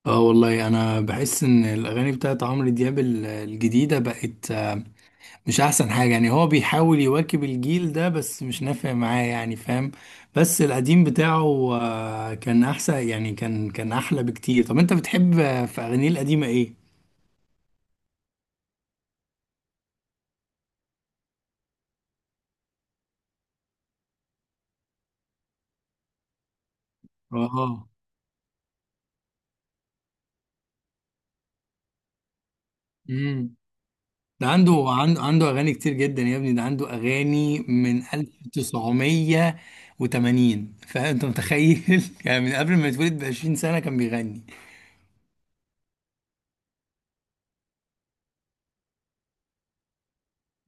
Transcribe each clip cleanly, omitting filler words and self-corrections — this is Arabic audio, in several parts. اه، والله انا بحس ان الاغاني بتاعت عمرو دياب الجديده بقت، مش احسن حاجه، يعني هو بيحاول يواكب الجيل ده، بس مش نافع معاه، يعني فاهم؟ بس القديم بتاعه كان احسن، يعني كان احلى بكتير. طب انت بتحب في اغانيه القديمه ايه؟ اه. امم. ده عنده اغاني كتير جدا يا ابني، ده عنده اغاني من 1980، فانت متخيل يعني من قبل ما يتولد ب 20 سنه كان بيغني.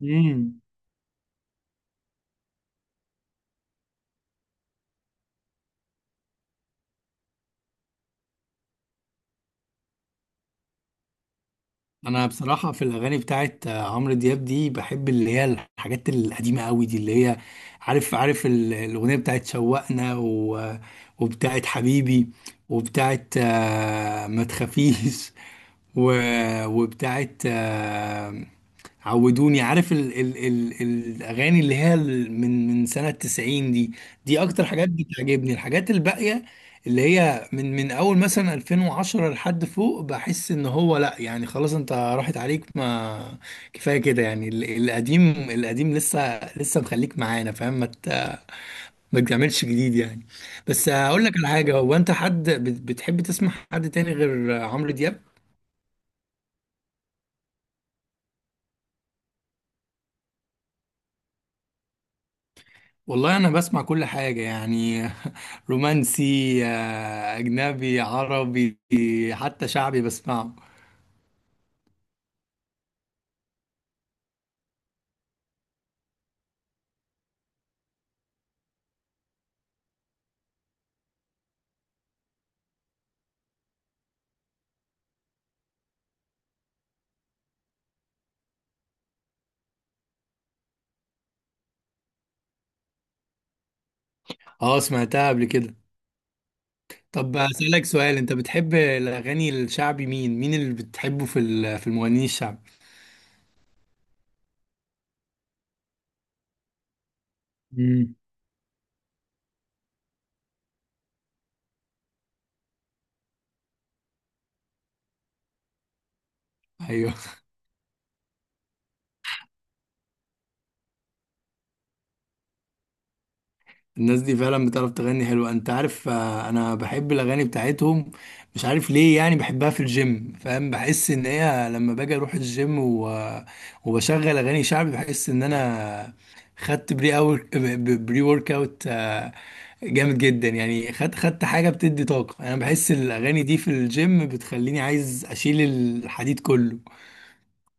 امم. انا بصراحه في الاغاني بتاعت عمرو دياب دي بحب اللي هي الحاجات القديمه قوي دي، اللي هي عارف الاغنيه بتاعت شوقنا، وبتاعت حبيبي، وبتاعت ما تخافيش، و... وبتاعت عودوني، عارف ال الاغاني اللي هي من سنه 90 دي. دي اكتر حاجات بتعجبني، الحاجات الباقيه اللي هي من اول مثلا 2010 لحد فوق بحس ان هو، لا يعني خلاص انت راحت عليك، ما كفايه كده، يعني القديم القديم لسه لسه مخليك معانا، فاهم؟ ما تعملش جديد يعني. بس هقول لك على حاجه، هو انت حد بتحب تسمع حد تاني غير عمرو دياب؟ والله انا بسمع كل حاجه يعني. رومانسي، اجنبي، عربي، حتى شعبي بسمعه. اه، سمعتها قبل كده. طب اسالك سؤال، انت بتحب الاغاني الشعبي، مين اللي بتحبه في في المغنيين الشعبي؟ مم. ايوه، الناس دي فعلا بتعرف تغني حلو. انت عارف، انا بحب الاغاني بتاعتهم، مش عارف ليه، يعني بحبها في الجيم، فاهم؟ بحس ان هي لما باجي اروح الجيم وبشغل اغاني شعبي، بحس ان انا خدت بري أور... بري ورك اوت جامد جدا، يعني خدت حاجه بتدي طاقه. انا بحس الاغاني دي في الجيم بتخليني عايز اشيل الحديد كله،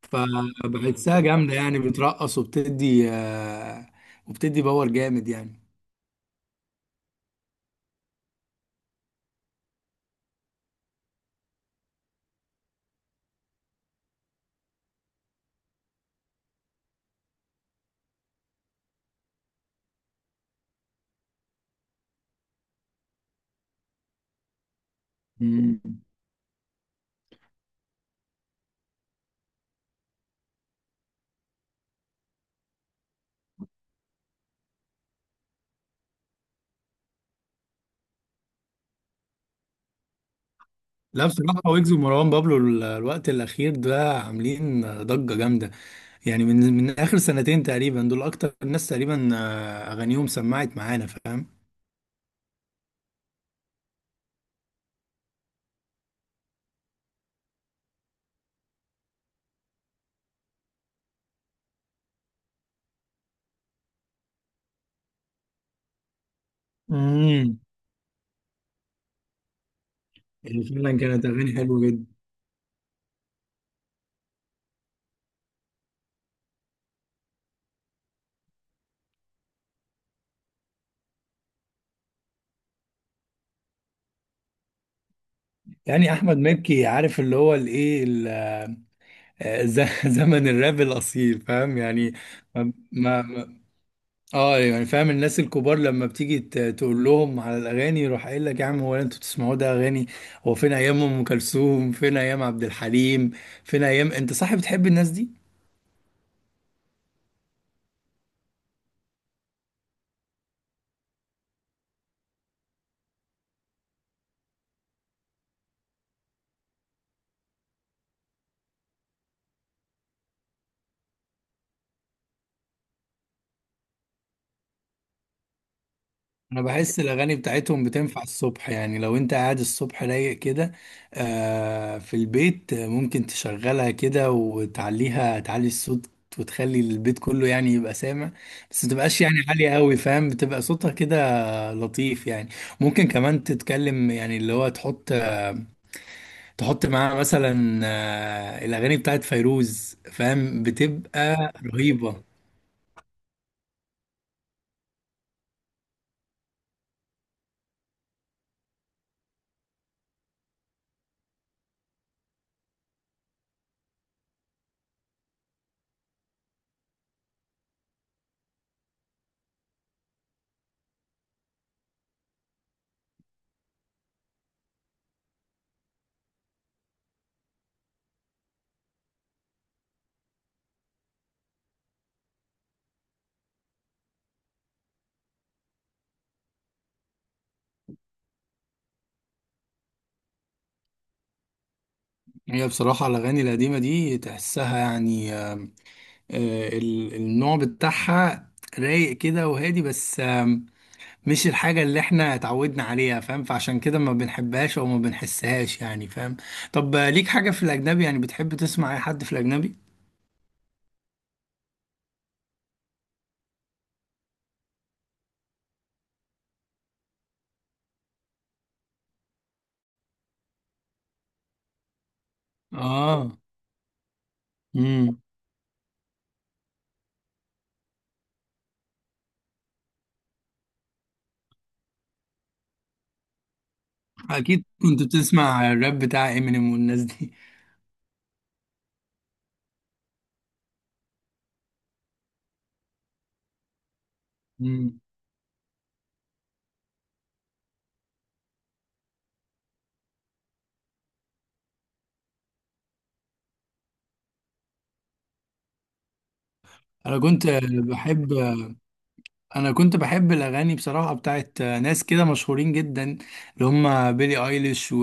فبحسها جامده، يعني بترقص وبتدي باور جامد يعني. مم. لا، بصراحة ويجز ومروان بابلو الوقت الأخير ده عاملين ضجة جامدة، يعني من آخر سنتين تقريبا، دول أكتر الناس تقريبا أغانيهم سمعت معانا، فاهم؟ امم. يعني فعلا كانت أغاني حلوة جدا، يعني أحمد مكي، عارف اللي هو الإيه ال- آه، ز- زمن الراب الأصيل، فاهم يعني؟ ما ما اه يعني فاهم، الناس الكبار لما بتيجي تقول لهم على الاغاني، يروح قايل لك، يا عم هو انتوا بتسمعوا ده اغاني؟ هو فين ايام ام كلثوم، فين ايام عبد الحليم، فين ايام، انت صح بتحب الناس دي؟ انا بحس الاغاني بتاعتهم بتنفع الصبح، يعني لو انت قاعد الصبح رايق كده في البيت، ممكن تشغلها كده وتعليها، تعلي الصوت، وتخلي البيت كله يعني يبقى سامع. بس ما تبقاش يعني عالية قوي، فاهم؟ بتبقى صوتها كده لطيف يعني. ممكن كمان تتكلم، يعني اللي هو تحط معاها مثلا الاغاني بتاعت فيروز، فاهم؟ بتبقى رهيبه. هي بصراحه الاغاني القديمه دي تحسها يعني النوع بتاعها رايق كده وهادي، بس مش الحاجه اللي احنا اتعودنا عليها، فاهم؟ فعشان كده ما بنحبهاش او ما بنحسهاش يعني، فاهم؟ طب ليك حاجه في الاجنبي؟ يعني بتحب تسمع اي حد في الاجنبي؟ اه. امم. اكيد كنت بتسمع الراب بتاع امينيم والناس دي. مم. انا كنت بحب انا كنت بحب الاغاني بصراحه بتاعت ناس كده مشهورين جدا، اللي هم بيلي ايليش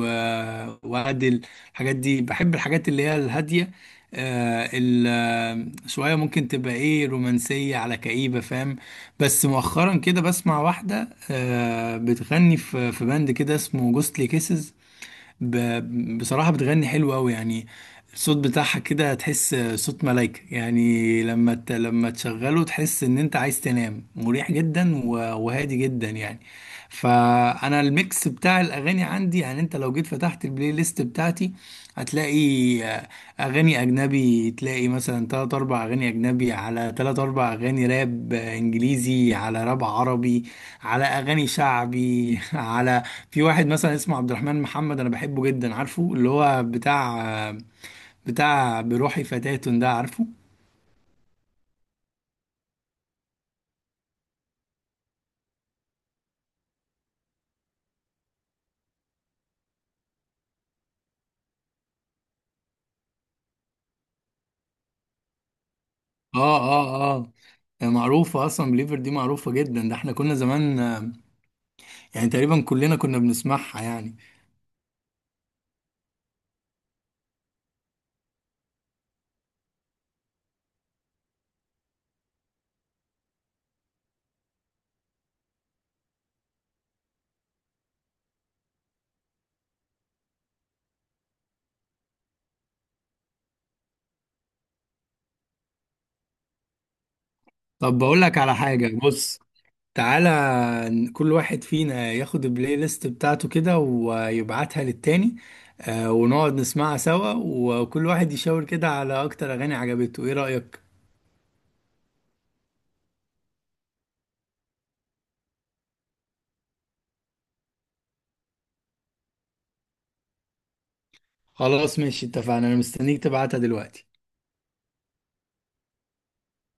وادل. الحاجات دي بحب، الحاجات اللي هي الهاديه، آه ال... آه، شويه ممكن تبقى ايه، رومانسيه على كئيبه، فاهم؟ بس مؤخرا كده بسمع واحده بتغني في باند كده اسمه جوستلي كيسز، ب... بصراحة بتغني حلو أوي يعني. الصوت بتاعها كده هتحس صوت ملايكة، يعني لما تشغله تحس إن أنت عايز تنام مريح جدا وهادي جدا يعني. فأنا الميكس بتاع الأغاني عندي، يعني أنت لو جيت فتحت البلاي ليست بتاعتي هتلاقي آه، أغاني أجنبي. تلاقي مثلا تلات أربع أغاني أجنبي، على تلات أربع أغاني راب إنجليزي، على راب عربي، على أغاني شعبي، على في واحد مثلا اسمه عبد الرحمن محمد انا بحبه جدا، عارفه اللي هو بتاع بروحي فتاة ده؟ عارفه؟ اه، اه، اه، معروفة اصلا، بليفر دي معروفة جدا، ده احنا كنا زمان يعني تقريبا كلنا كنا بنسمعها يعني. طب بقول لك على حاجة، بص تعالى، كل واحد فينا ياخد البلاي ليست بتاعته كده ويبعتها للتاني، ونقعد نسمعها سوا، وكل واحد يشاور كده على اكتر اغاني عجبته. ايه رأيك؟ خلاص ماشي، اتفقنا، انا مستنيك تبعتها دلوقتي.